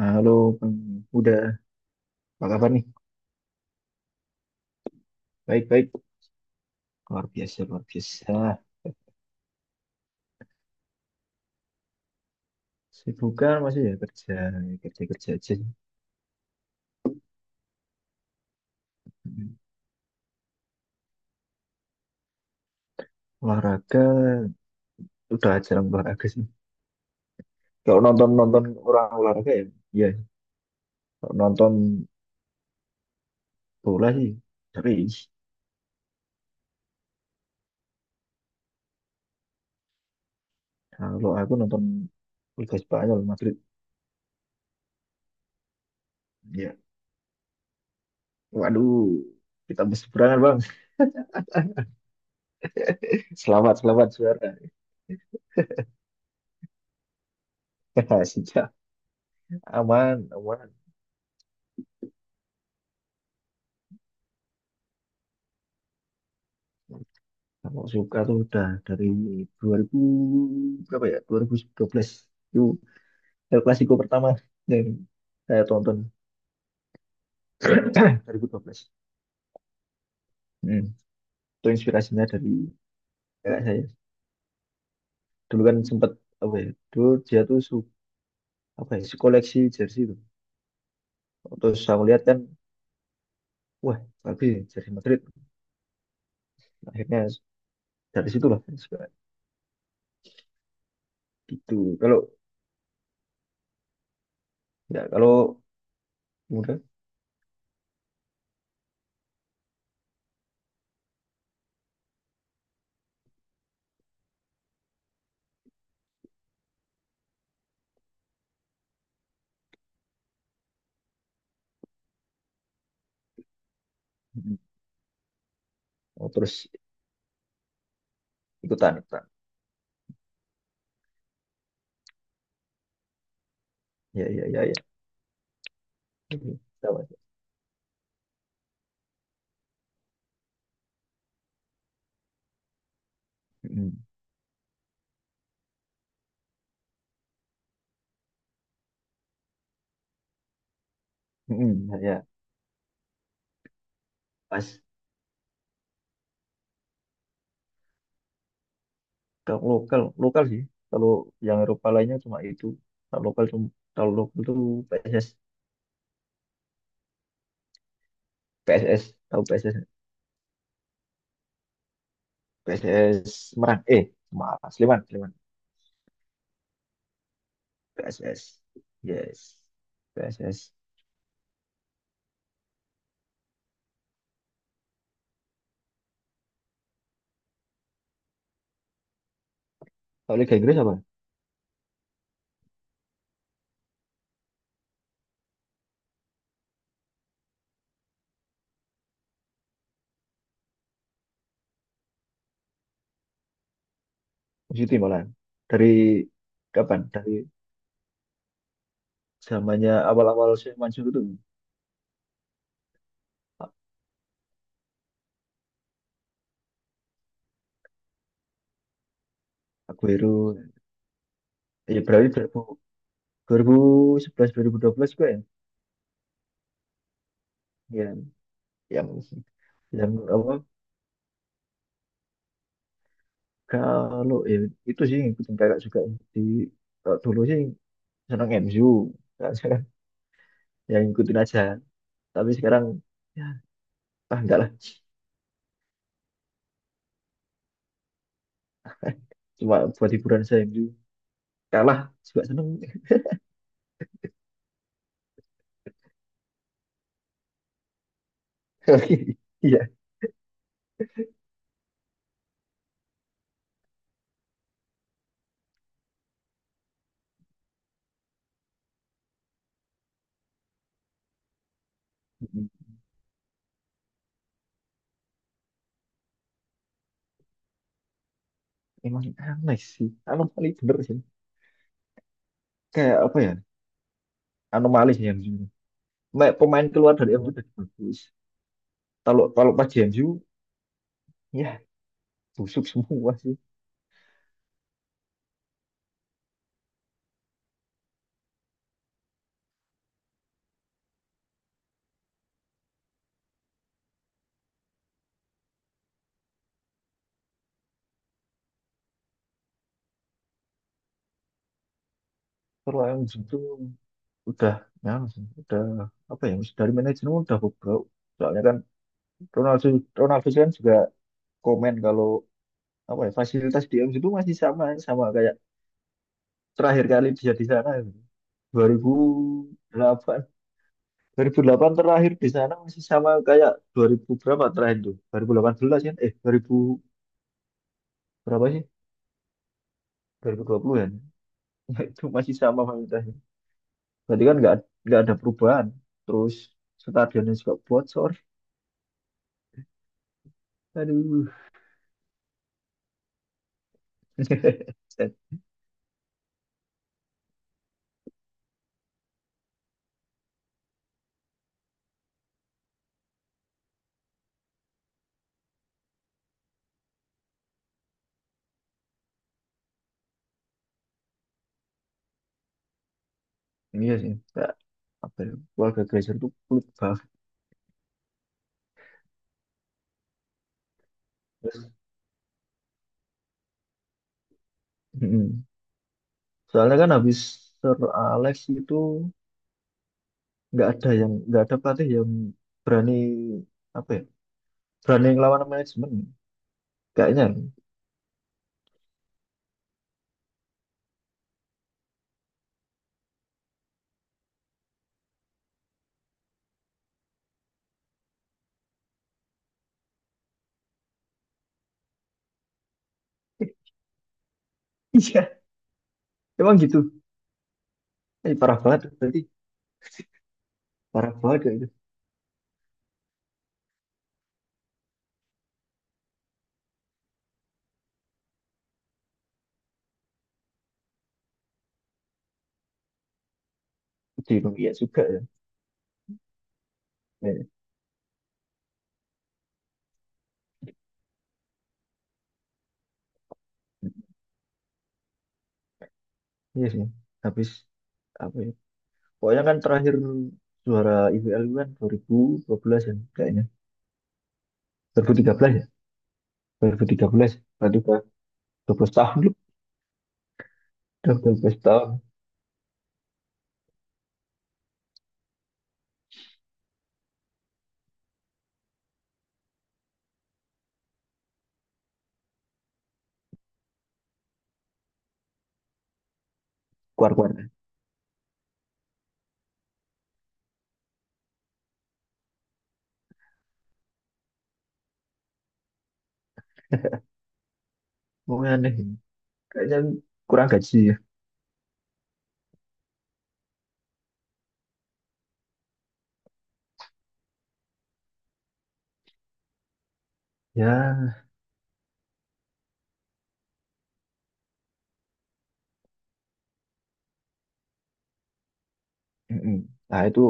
Halo, Bang Uda. Apa kabar nih? Baik, baik. Luar biasa, luar biasa. Sibukan masih ya kerja, kerja kerja aja sih. Olahraga, udah jarang olahraga sih. Kalau nonton nonton orang olahraga ya, iya. Kalau nonton bola sih, tapi kalau aku nonton Liga Spanyol Madrid, ya. Waduh, kita berseberangan bang. Selamat, selamat saudara. Sejak Aman, aman. Kalau suka tuh udah dari 2000 berapa ya? 2012. Itu El Clasico pertama yang saya tonton. 2012. Hmm. Itu inspirasinya dari kakak saya. Dulu kan sempat apa ya? Dulu dia tuh apa ya? Koleksi jersey itu. Terus saya melihat kan, wah bagus ya, jersey Madrid. Akhirnya dari situ lah suka gitu. Kalau kalau kemudian mm, oh, terus ikutan ikutan. Ya, ya, ya, ya. Sama. Hmm. Hmm, ya, ya. Pas kalau lokal, lokal sih. Kalau yang Eropa lainnya cuma itu. Kalau lokal cuma kalau lokal tuh PSS. PSS Tahu PSS PSS Semarang, eh, Semarang, Sleman, Sleman. PSS, yes. PSS. Kalau Liga Inggris apa? Man City malah. Dari kapan? Dari zamannya awal-awal saya, Mansur itu. Aguero, ya berarti 2000, 2011, 2012 gue ya. Yang, yang yang apa? Kalau ya, itu sih ngikutin kakak juga, di kalau dulu sih senang MU. Sekarang ya ngikutin aja, tapi sekarang ya, ah, enggak lah. Cuma buat hiburan, saya MU kalah juga seneng. Iya, emang aneh sih, anomali bener sih. Kayak apa ya, anomali sih MU. Pemain keluar dari MU udah bagus. Kalau kalau pas di MU, ya busuk semua sih. Kalau yang itu udah, ya, udah apa ya, dari manajemen udah bobrok. Soalnya kan Ronaldo, kan juga komen kalau apa ya, fasilitas di MU itu masih sama sama kayak terakhir kali dia di sana gitu. 2008, 2008 terakhir di sana masih sama kayak 2000 berapa, terakhir tuh 2018 kan, eh, 2000 berapa sih, 2020 kan. Itu masih sama fasilitasnya, berarti kan nggak ada perubahan. Terus stadionnya juga bocor. Aduh. Set. Iya sih, nggak apa ya, keluarga Glazer itu pelit banget. Terus, mm-mm. Soalnya kan habis Sir Alex itu nggak ada pelatih yang berani, apa ya, berani ngelawan manajemen kayaknya. Iya, emang gitu. Eh, parah banget berarti, parah banget kayak gitu. Di Indonesia juga ya. Eh, iya sih. Habis apa ya? Pokoknya kan terakhir juara IBL kan dua, 2012 ya kayaknya. 2013 ya. 2013. Berarti udah 12 tahun loh. Udah 12 tahun. Keluar-keluar. Pokoknya aneh ini. Kayaknya kurang gaji ya. Ya. Mm-mm. Nah itu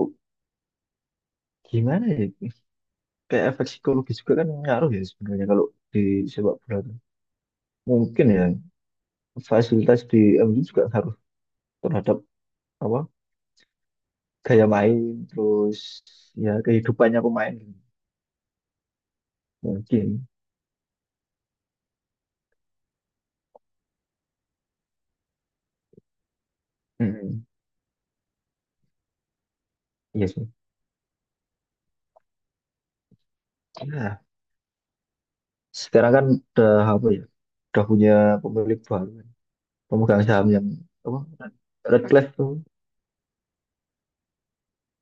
gimana ya? Kayak efek psikologi juga kan ngaruh ya sebenarnya kalau di sepak bola tuh. Mungkin ya fasilitas di MU juga ngaruh terhadap apa gaya main, terus ya kehidupannya pemain gitu. Mungkin. Mm-mm. Iya sih. Nah, sekarang kan udah apa ya? Udah punya pemilik baru, kan. Pemegang saham yang apa? Redcliffe tuh.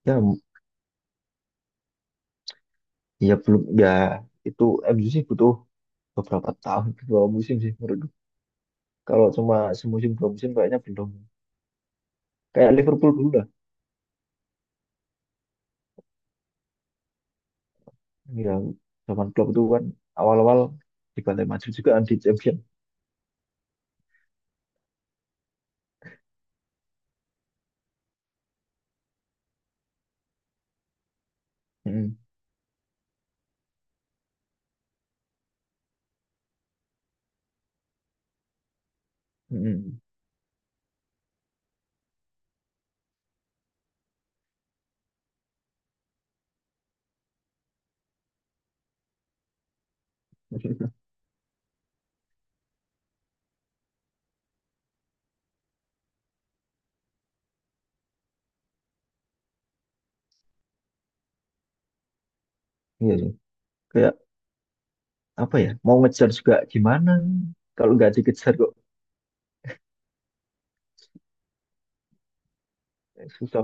Ya, ya belum ya, itu MU sih butuh beberapa tahun, beberapa musim sih menurut. Kalau cuma semusim dua musim kayaknya belum. Kayak Liverpool dulu lah. Yang zaman Klopp itu kan awal-awal dibantai, maju juga kan di champion. Mm, mm. Iya sih. Kayak apa ya? Mau ngejar juga gimana? Kalau nggak dikejar kok, eh, susah,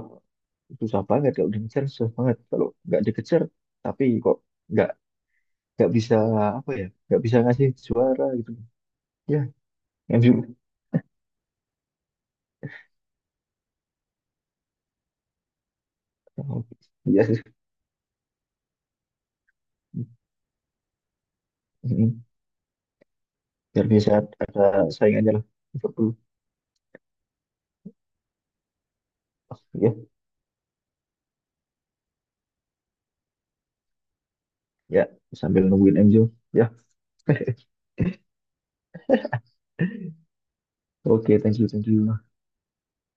susah banget. Kalau dikejar susah banget. Kalau nggak dikejar tapi kok nggak nggak bisa apa ya, nggak bisa ngasih juara gitu. Ya, MU. Iya sih. Mm, mm. Biar bisa ada saingannya lah. Liverpool. Ya, sambil nungguin MU. Ya, oke, thank you, thank you.